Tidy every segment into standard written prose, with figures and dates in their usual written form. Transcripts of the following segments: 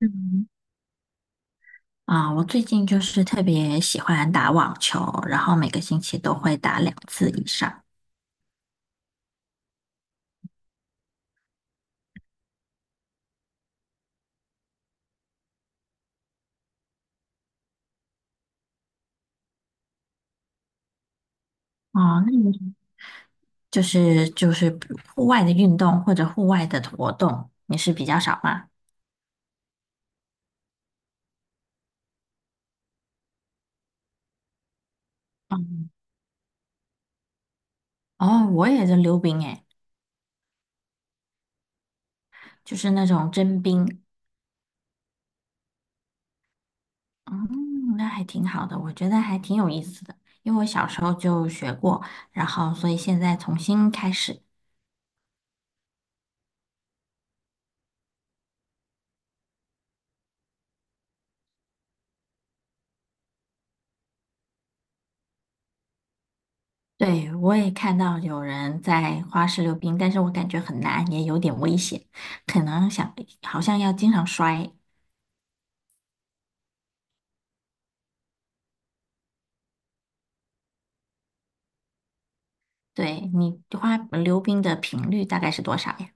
嗯，我最近就是特别喜欢打网球，然后每个星期都会打两次以上。哦，那你就是户外的运动或者户外的活动，你是比较少吗？嗯，哦，我也在溜冰诶，就是那种真冰。嗯，那还挺好的，我觉得还挺有意思的，因为我小时候就学过，然后所以现在重新开始。对，我也看到有人在花式溜冰，但是我感觉很难，也有点危险，可能想好像要经常摔。对，你花溜冰的频率大概是多少呀？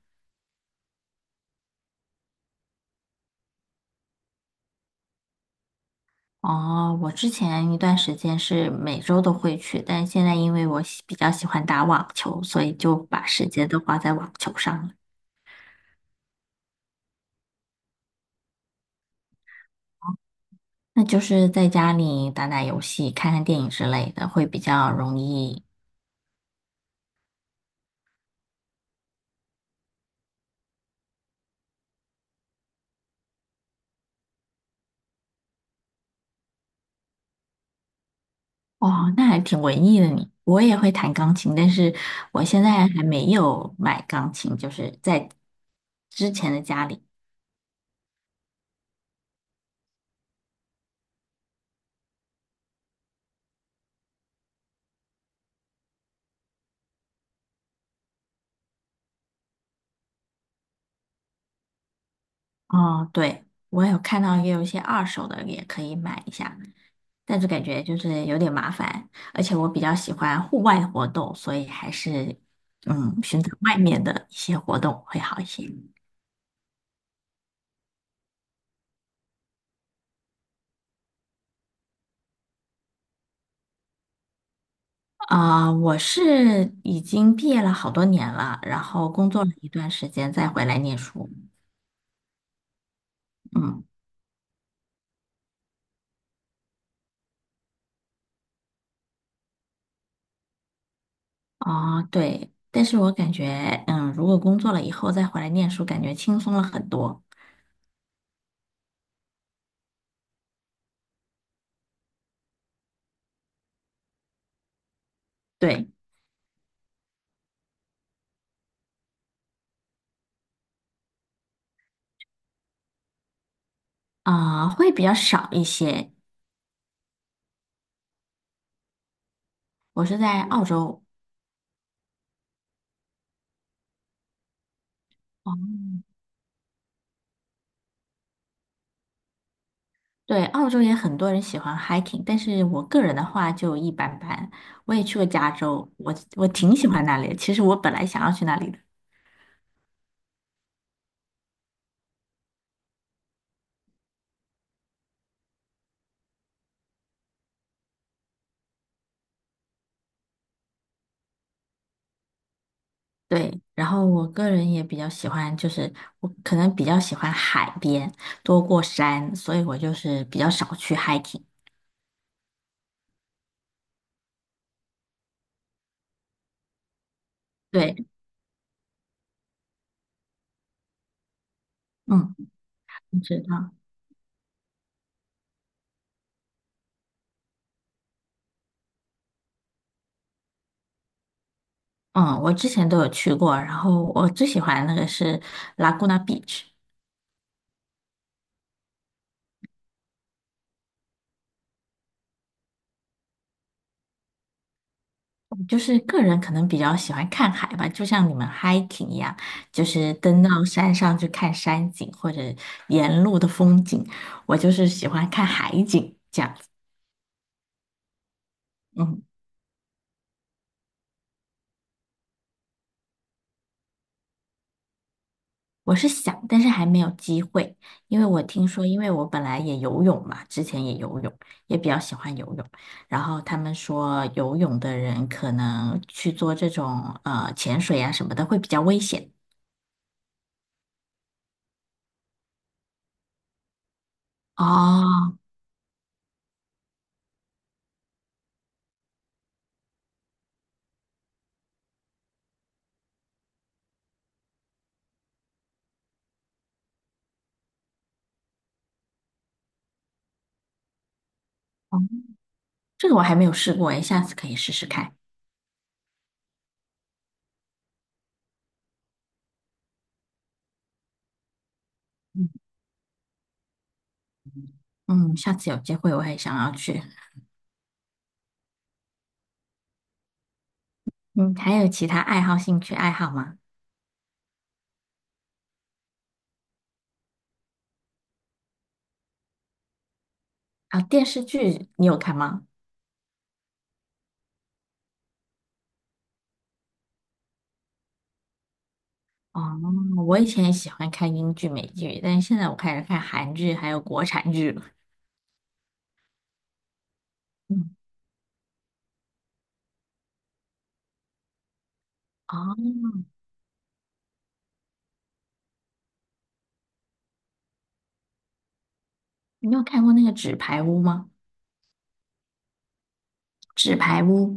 哦，我之前一段时间是每周都会去，但现在因为我比较喜欢打网球，所以就把时间都花在网球上了。那就是在家里打打游戏、看看电影之类的，会比较容易。哦，那还挺文艺的你。我也会弹钢琴，但是我现在还没有买钢琴，就是在之前的家里。哦，对，我有看到也有一些二手的，也可以买一下，但是感觉就是有点麻烦，而且我比较喜欢户外活动，所以还是选择外面的一些活动会好一些。我是已经毕业了好多年了，然后工作了一段时间再回来念书。嗯。啊，对，但是我感觉，如果工作了以后再回来念书，感觉轻松了很多。对，啊，会比较少一些。我是在澳洲，哦，对，澳洲也很多人喜欢 hiking，但是我个人的话就一般般。我也去过加州，我挺喜欢那里的。其实我本来想要去那里的，对。然后我个人也比较喜欢，就是我可能比较喜欢海边多过山，所以我就是比较少去 hiking。对，嗯，你知道。嗯，我之前都有去过，然后我最喜欢的那个是 Laguna Beach，就是个人可能比较喜欢看海吧，就像你们 hiking 一样，就是登到山上去看山景或者沿路的风景，我就是喜欢看海景这样子。嗯。我是想，但是还没有机会，因为我听说，因为我本来也游泳嘛，之前也游泳，也比较喜欢游泳。然后他们说，游泳的人可能去做这种潜水啊什么的会比较危险。哦，哦，这个我还没有试过诶，下次可以试试看。嗯，嗯，下次有机会我也想要去。嗯，还有其他爱好、兴趣爱好吗？啊，电视剧你有看吗？哦，我以前也喜欢看英剧、美剧，但是现在我开始看韩剧还有国产剧了。嗯，哦，你有看过那个《纸牌屋》吗？《纸牌屋》，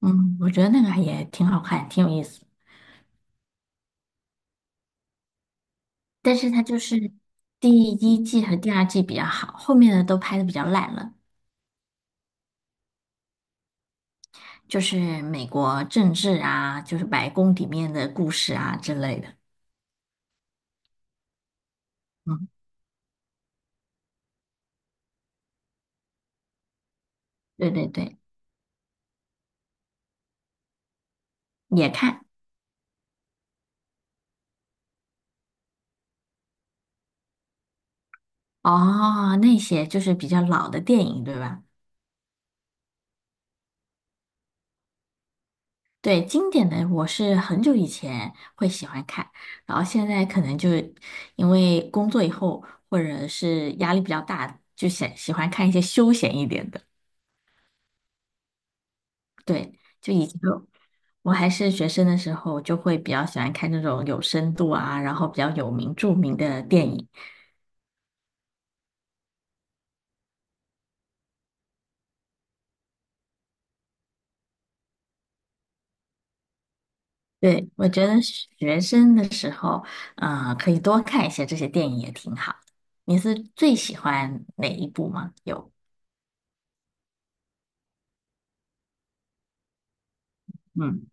嗯，我觉得那个也挺好看，挺有意思。但是它就是第一季和第二季比较好，后面的都拍的比较烂了，就是美国政治啊，就是白宫里面的故事啊之类的。嗯，对对对，也看。哦，那些就是比较老的电影，对吧？对，经典的我是很久以前会喜欢看，然后现在可能就因为工作以后或者是压力比较大，就喜欢看一些休闲一点的。对，就以前我还是学生的时候，就会比较喜欢看那种有深度啊，然后比较有名著名的电影。对，我觉得学生的时候，可以多看一些这些电影也挺好。你是最喜欢哪一部吗？有，嗯。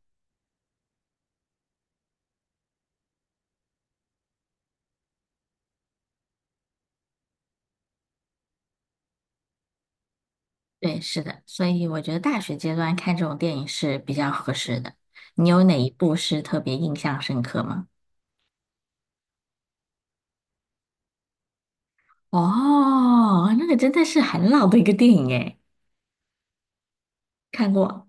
对，是的，所以我觉得大学阶段看这种电影是比较合适的。你有哪一部是特别印象深刻吗？哦，那个真的是很老的一个电影诶，看过。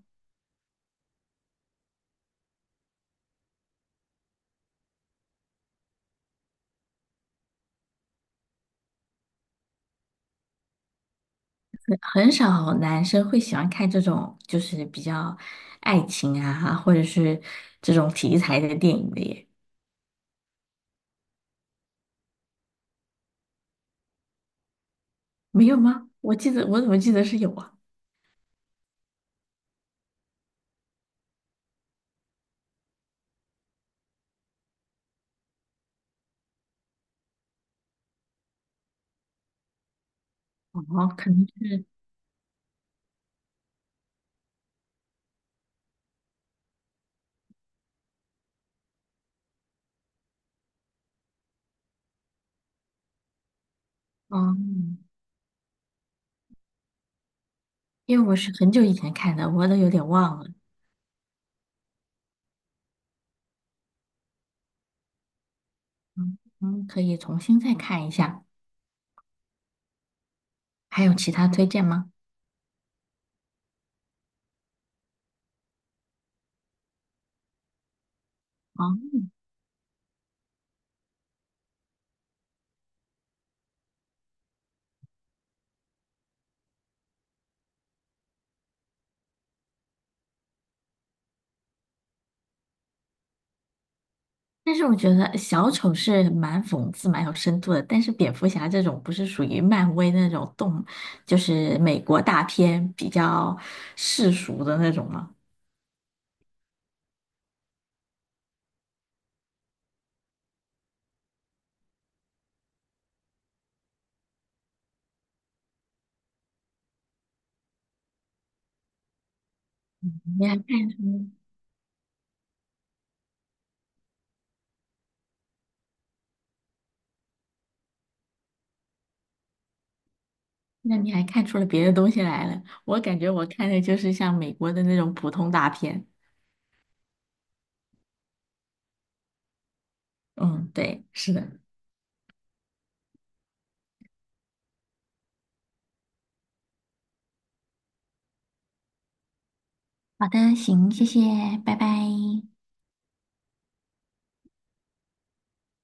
很少男生会喜欢看这种就是比较爱情啊，或者是这种题材的电影的耶，没有吗？我记得我怎么记得是有啊？哦，可能是，嗯，因为我是很久以前看的，我都有点忘了。嗯，嗯，可以重新再看一下。还有其他推荐吗？哦，但是我觉得小丑是蛮讽刺、蛮有深度的，但是蝙蝠侠这种不是属于漫威那种动，就是美国大片比较世俗的那种吗？你还看出，那你还看出了别的东西来了？我感觉我看的就是像美国的那种普通大片。嗯，对，是的。好的，行，谢谢，拜拜。